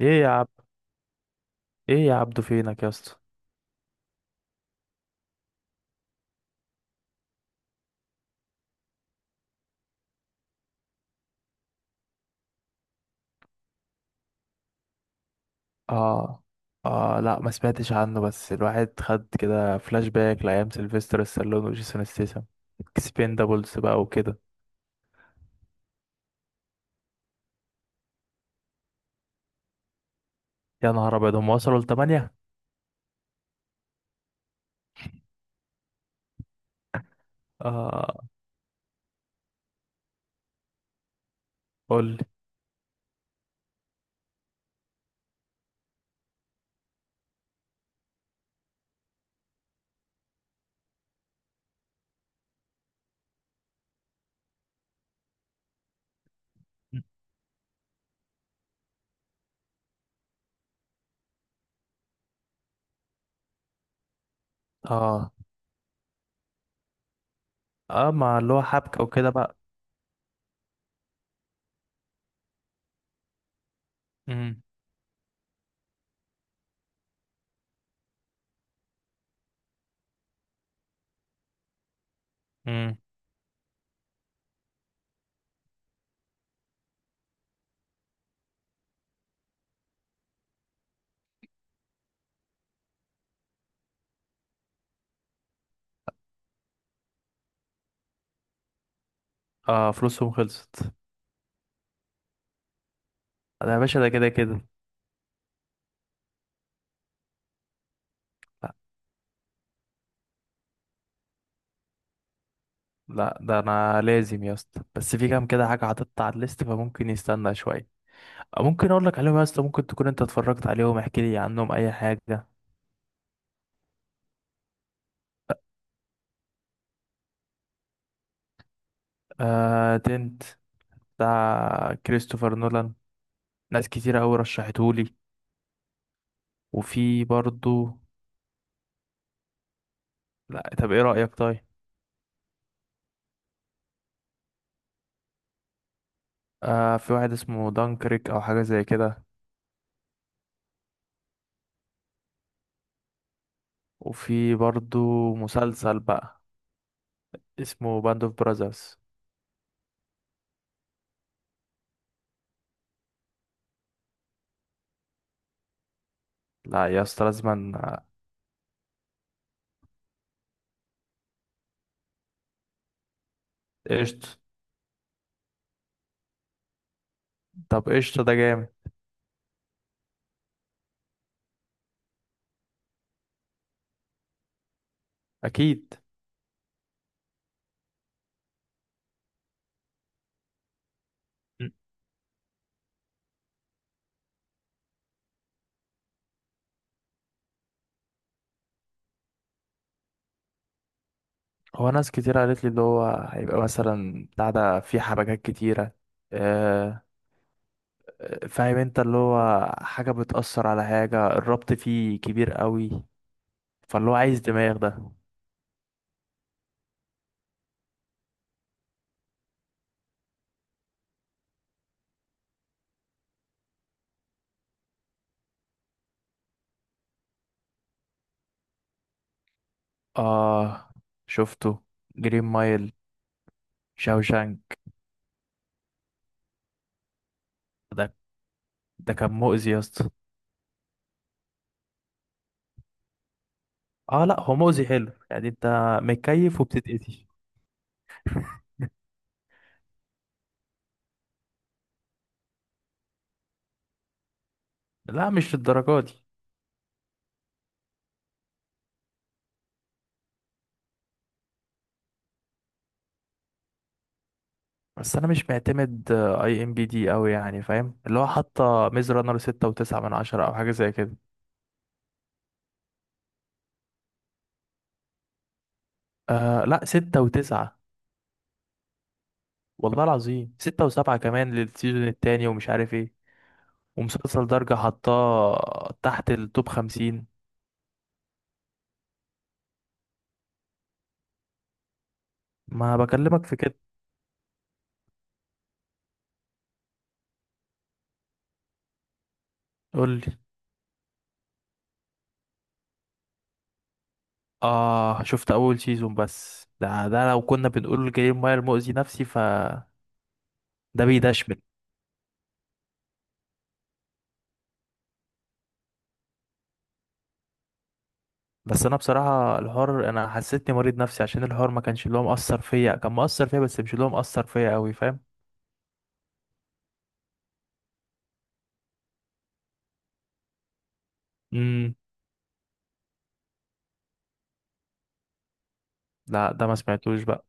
ايه يا عبد ايه يا عبدو، فينك يا اسطى؟ اه. اه، لا ما سمعتش عنه، بس الواحد خد كده فلاش باك لايام سيلفستر stallone وجيسون ستيسن، اكسبندابلز بقى وكده. يا نهار ابيض، هم وصلوا لتمانية؟ اه. قول لي. اه. اه، ما اللي هو حبكة وكده بقى. امم. امم. اه، فلوسهم خلصت. انا يا باشا ده كده كده. لا لا، ده انا لازم يا اسطى، بس في كام كده حاجة حاططها على الليست، فممكن يستنى شوية. ممكن اقول لك عليهم يا اسطى، ممكن تكون انت اتفرجت عليهم، احكي لي عنهم اي حاجه. آه، تنت، بتاع كريستوفر نولان، ناس كتيره قوي رشحتهولي. وفي برضو. لا، طب ايه رايك؟ طيب، آه، في واحد اسمه دانكريك او حاجه زي كده. وفي برضو، مسلسل بقى اسمه باند اوف براذرز. لا يا اسطى لازما. قشطه. طب قشطه، ده جامد. اكيد. م. هو ناس كتير قالت لي اللي هو هيبقى مثلا بتاع ده، فيه حبكات كتيره آه، فاهم انت اللي هو حاجة بتأثر على حاجة، الربط فيه كبير قوي. فاللي هو عايز دماغ ده. اه، شفته. جرين مايل. شاوشانك. ده ده كان مؤذي يا اسطى. اه لا، هو مؤذي حلو يعني، انت متكيف وبتتأذي. لا، مش للدرجة دي. بس انا مش معتمد اي ام بي دي قوي يعني، فاهم اللي هو حاطة ميز رانر ستة وتسعة من عشرة او حاجة زي كده. آه لا، ستة وتسعة. والله العظيم ستة وسبعة كمان للسيزون التاني، ومش عارف ايه. ومسلسل درجة حطاه تحت التوب خمسين. ما بكلمك في كده. قولي. اه، شفت اول سيزون، بس ده لو كنا بنقول جريم ماير مؤذي نفسي ف. ده بيدشمل. بس انا بصراحة الحوار، انا حسيتني مريض نفسي عشان الحوار ما كانش اللي هو مأثر فيا، كان مأثر فيا بس مش اللي هو مأثر فيا قوي، فاهم. امم. لا، ده ما سمعتوش بقى.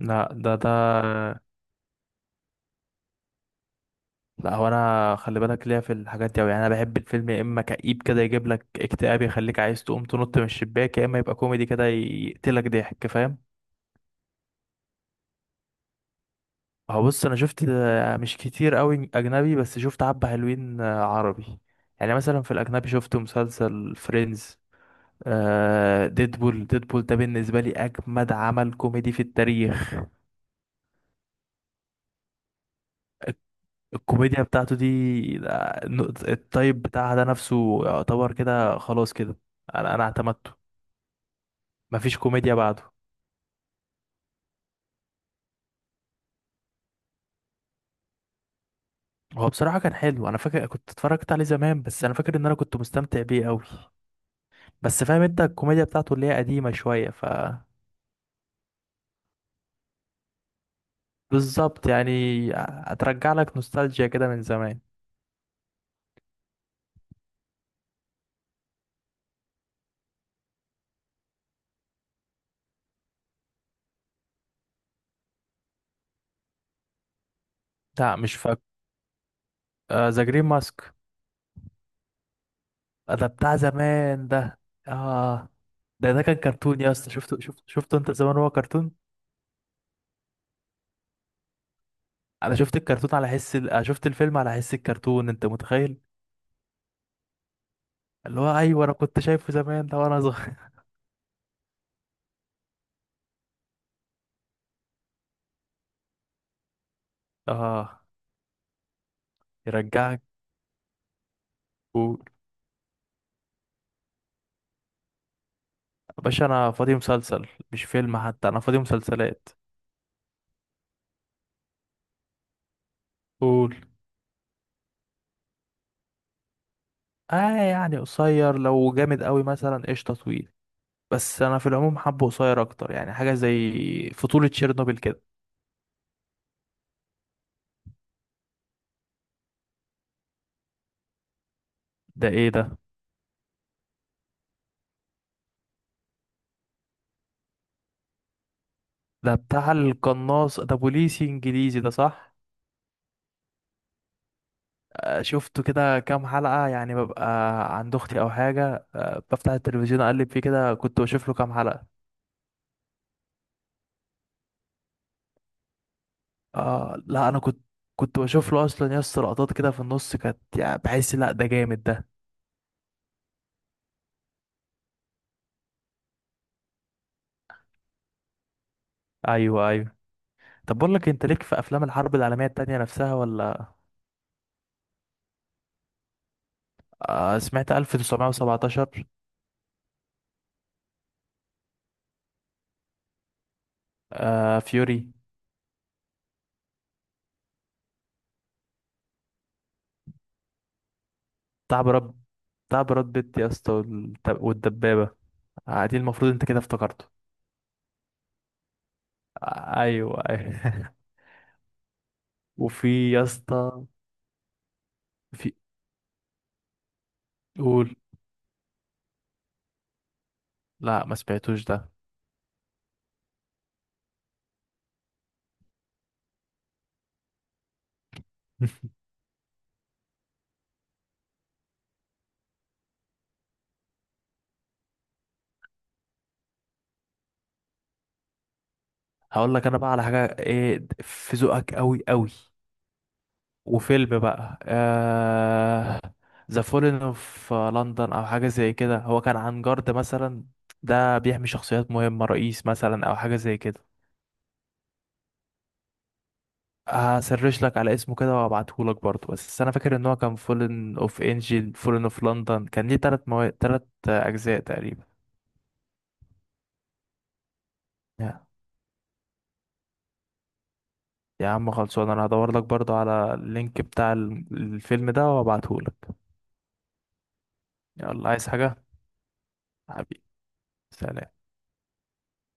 لا، ده. لا، هو انا خلي بالك ليا في الحاجات دي أوي يعني، انا بحب الفيلم يا اما كئيب كده يجيب لك اكتئاب يخليك عايز تقوم تنط من الشباك، يا اما يبقى كوميدي كده يقتلك ضحك، فاهم. هو بص، انا شفت مش كتير قوي اجنبي، بس شفت حبة حلوين عربي. يعني مثلا في الاجنبي شفت مسلسل فريندز. آه، ديدبول، ديدبول ده بالنسبة لي أجمد عمل كوميدي في التاريخ. الكوميديا بتاعته دي الطيب بتاعها ده نفسه يعتبر كده، خلاص كده. أنا اعتمدته. مفيش كوميديا بعده. هو بصراحة كان حلو، أنا فاكر كنت اتفرجت عليه زمان، بس أنا فاكر إن أنا كنت مستمتع بيه أوي. بس فاهم أنت الكوميديا بتاعته اللي هي قديمة شوية ف. بالظبط يعني. هترجع لك نوستالجيا كده من زمان. لا مش فاكر. ذا جرين ماسك. ده بتاع زمان ده. آه. ده كان كرتون يا اسطى، شفته شفته شفته أنت زمان، هو كرتون. أنا شفت الكرتون على حس أنا شفت الفيلم على حس الكرتون، أنت متخيل. اللي هو أيوه، أنا كنت شايفه زمان ده وأنا صغير. آه. يرجعك. باشا، انا فاضي مسلسل مش فيلم حتى، انا فاضي مسلسلات. قول. اه يعني قصير، لو جامد قوي مثلا قشطه طويل، بس انا في العموم حبه قصير اكتر، يعني حاجه زي فطولة تشيرنوبل كده. ده ايه ده؟ ده بتاع القناص، ده بوليسي انجليزي، ده صح. شفته كده كام حلقه، يعني ببقى عند اختي او حاجه، بفتح التلفزيون اقلب فيه كده، كنت بشوف له كام حلقه. آه لا، انا كنت بشوف له اصلا يس لقطات كده في النص، كانت يعني بحس لا ده جامد ده. ايوه، ايوه. طب بقول لك، انت ليك في افلام الحرب العالميه التانية نفسها ولا؟ آه، سمعت 1917. آه، فيوري. بتاع براد بتاع براد بيت يا اسطى، والدبابه. آه دي المفروض انت كده افتكرته. آه ايوه، ايوه. وفي يا اسطى. في. قول. لا ما سمعتوش ده. هقول لك انا بقى على حاجه ايه في ذوقك قوي قوي، وفيلم بقى. ذا فولن اوف لندن او حاجه زي كده، هو كان عن جارد مثلا، ده بيحمي شخصيات مهمه، رئيس مثلا او حاجه زي كده. هسرش لك على اسمه كده وابعتهولك برضه، بس انا فاكر ان هو كان فولن اوف انجل، فولن اوف لندن، كان ليه تلات تلات اجزاء تقريبا. يا يا عم خلصان، انا هدور لك برضه على اللينك بتاع الفيلم ده وابعتهولك. يلا، عايز حاجه؟ حبيبي، سلام.